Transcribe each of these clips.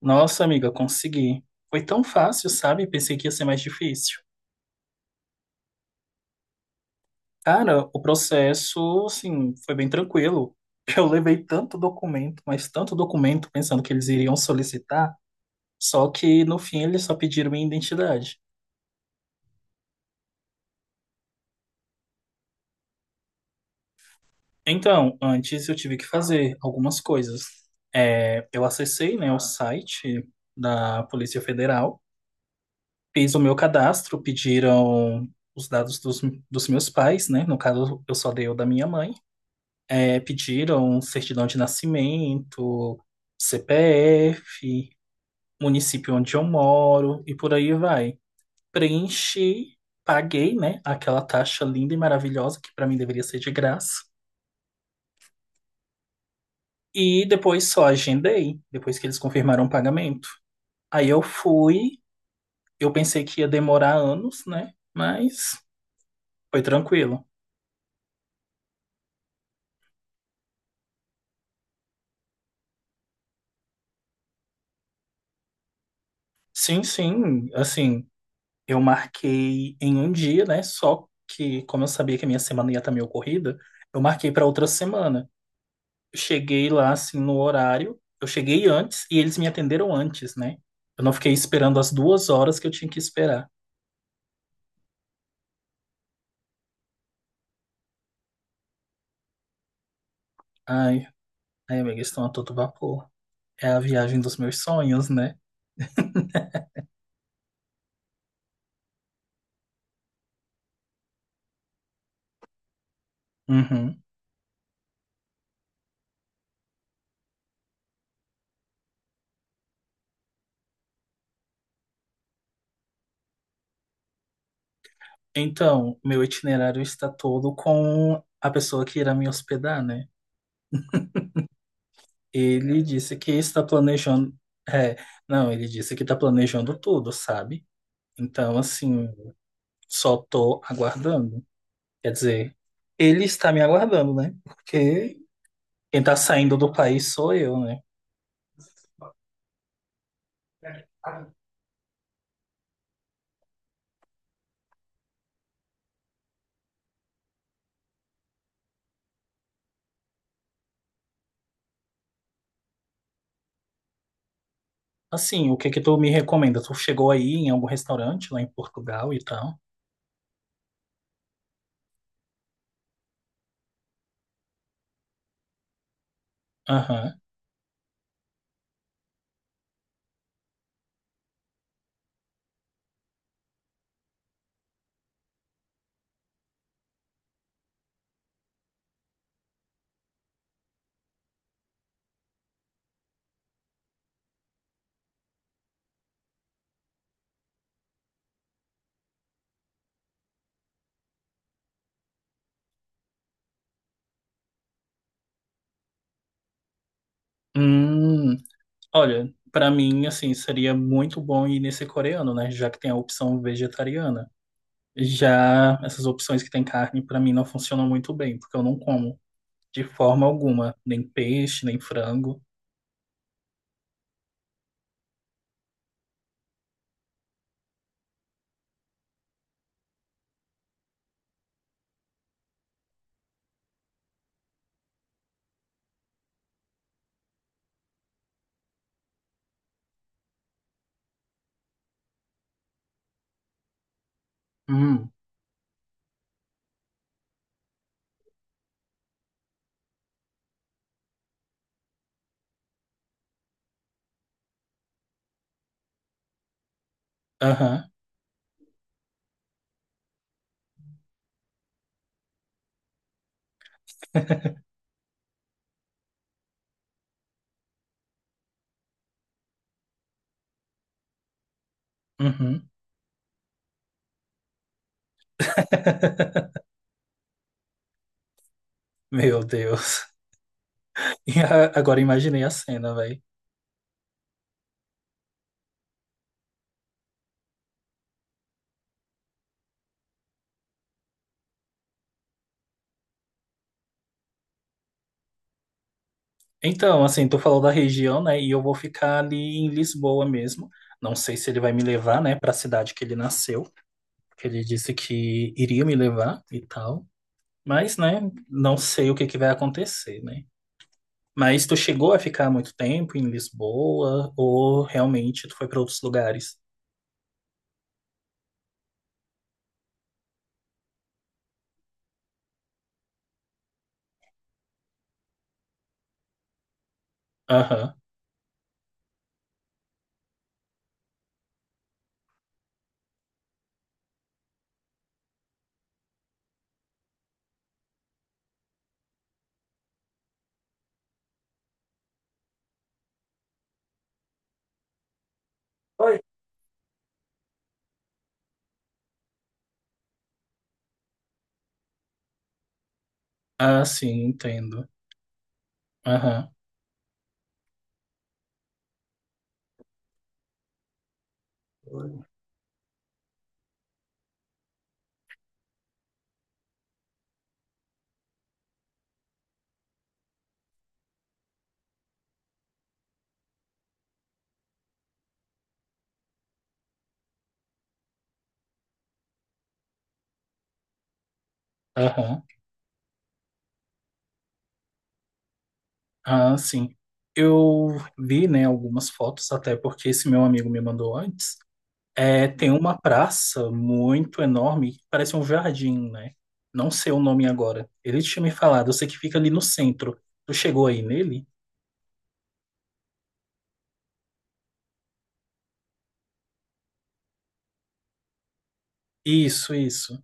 Nossa, amiga, consegui. Foi tão fácil, sabe? Pensei que ia ser mais difícil. Cara, o processo, assim, foi bem tranquilo. Eu levei tanto documento, mas tanto documento, pensando que eles iriam solicitar, só que no fim eles só pediram minha identidade. Então, antes eu tive que fazer algumas coisas. É, eu acessei, né, o site da Polícia Federal, fiz o meu cadastro, pediram os dados dos, dos meus pais, né? No caso, eu só dei o da minha mãe. É, pediram certidão de nascimento, CPF, município onde eu moro e por aí vai. Preenchi, paguei, né, aquela taxa linda e maravilhosa que para mim deveria ser de graça. E depois só agendei, depois que eles confirmaram o pagamento. Aí eu fui, eu pensei que ia demorar anos, né? Mas foi tranquilo. Sim, sim, assim, eu marquei em um dia, né? Só que, como eu sabia que a minha semana ia estar meio corrida, eu marquei para outra semana. Eu cheguei lá, assim, no horário. Eu cheguei antes e eles me atenderam antes, né? Eu não fiquei esperando as duas horas que eu tinha que esperar. Ai, ai, amiga, estão a todo vapor. É a viagem dos meus sonhos, né? Uhum. Então, meu itinerário está todo com a pessoa que irá me hospedar, né? Ele disse que está planejando. É, não, ele disse que está planejando tudo, sabe? Então, assim, só tô aguardando. Quer dizer, ele está me aguardando, né? Porque quem tá saindo do país sou eu, né? Assim, o que que tu me recomenda? Tu chegou aí em algum restaurante lá em Portugal e tal? Aham. Hum, olha, pra mim, assim, seria muito bom ir nesse coreano, né? Já que tem a opção vegetariana. Já essas opções que tem carne, pra mim, não funcionam muito bem, porque eu não como de forma alguma, nem peixe, nem frango. Hum, aham. Uhum. Meu Deus. E agora imaginei a cena, velho. Então, assim, tu falou da região, né? E eu vou ficar ali em Lisboa mesmo. Não sei se ele vai me levar, né, para a cidade que ele nasceu, que ele disse que iria me levar e tal. Mas, né, não sei o que que vai acontecer, né? Mas tu chegou a ficar muito tempo em Lisboa ou realmente tu foi para outros lugares? Aham. Oi. Ah, sim, entendo. Aham. Oi. Aham. Ah, sim. Eu vi, né, algumas fotos, até porque esse meu amigo me mandou antes. É, tem uma praça muito enorme, que parece um jardim, né? Não sei o nome agora. Ele tinha me falado, eu sei que fica ali no centro. Tu chegou aí nele? Isso, isso.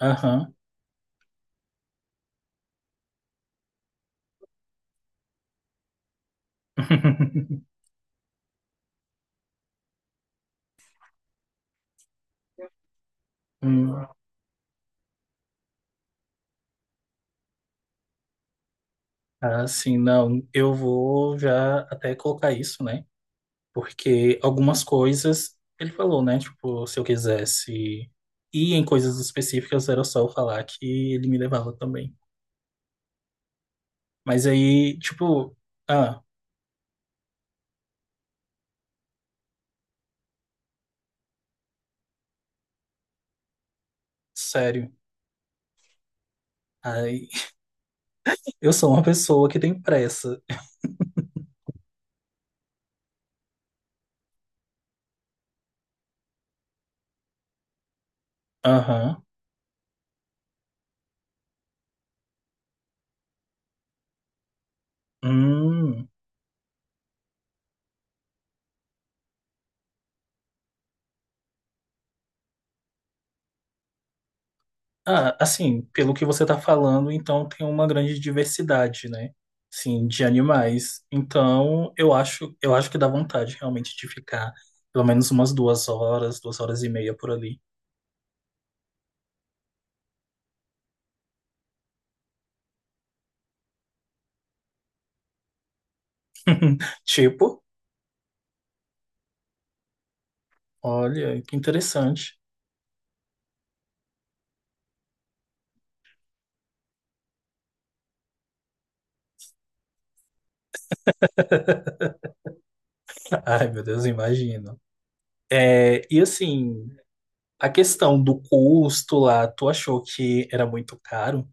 Aham. Hum. Ah, sim, não. Eu vou já até colocar isso, né? Porque algumas coisas, ele falou, né? Tipo, se eu quisesse ir em coisas específicas, era só eu falar que ele me levava também. Mas aí, tipo, ah, sério. Aí, eu sou uma pessoa que tem pressa. Aham. Hum. Ah, assim, pelo que você tá falando, então tem uma grande diversidade, né? Sim, de animais. Então, eu acho que dá vontade realmente de ficar pelo menos umas duas horas e meia por ali. Tipo, olha, que interessante. Ai, meu Deus, imagino. É, e assim, a questão do custo lá, tu achou que era muito caro?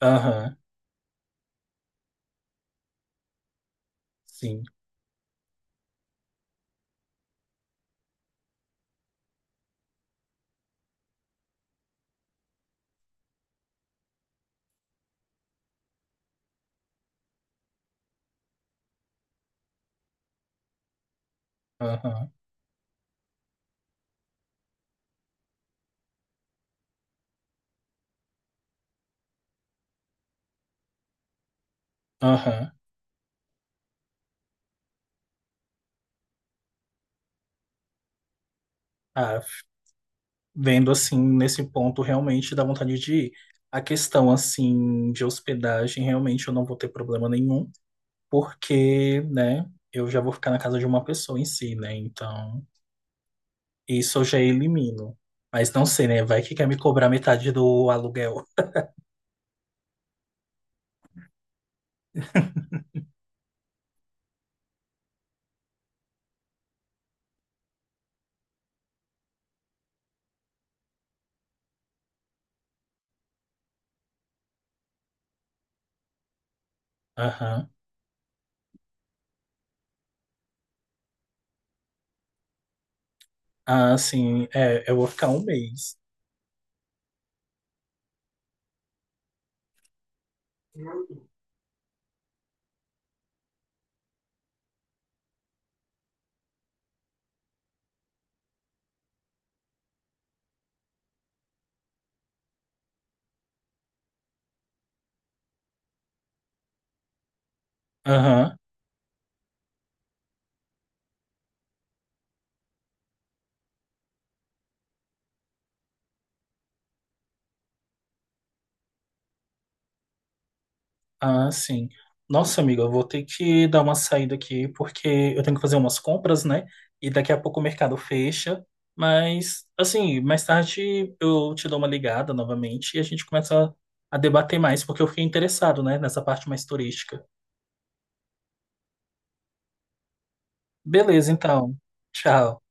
Aham, sim, aham, aham. Ah, vendo assim, nesse ponto, realmente dá vontade de ir. A questão, assim, de hospedagem, realmente eu não vou ter problema nenhum, porque, né, eu já vou ficar na casa de uma pessoa em si, né, então... Isso eu já elimino. Mas não sei, né? Vai que quer me cobrar metade do aluguel. Aham. Ah, sim. É, eu vou ficar um mês. Aham. Ah, sim. Nossa, amiga, eu vou ter que dar uma saída aqui porque eu tenho que fazer umas compras, né? E daqui a pouco o mercado fecha. Mas, assim, mais tarde eu te dou uma ligada novamente e a gente começa a debater mais, porque eu fiquei interessado, né, nessa parte mais turística. Beleza, então. Tchau.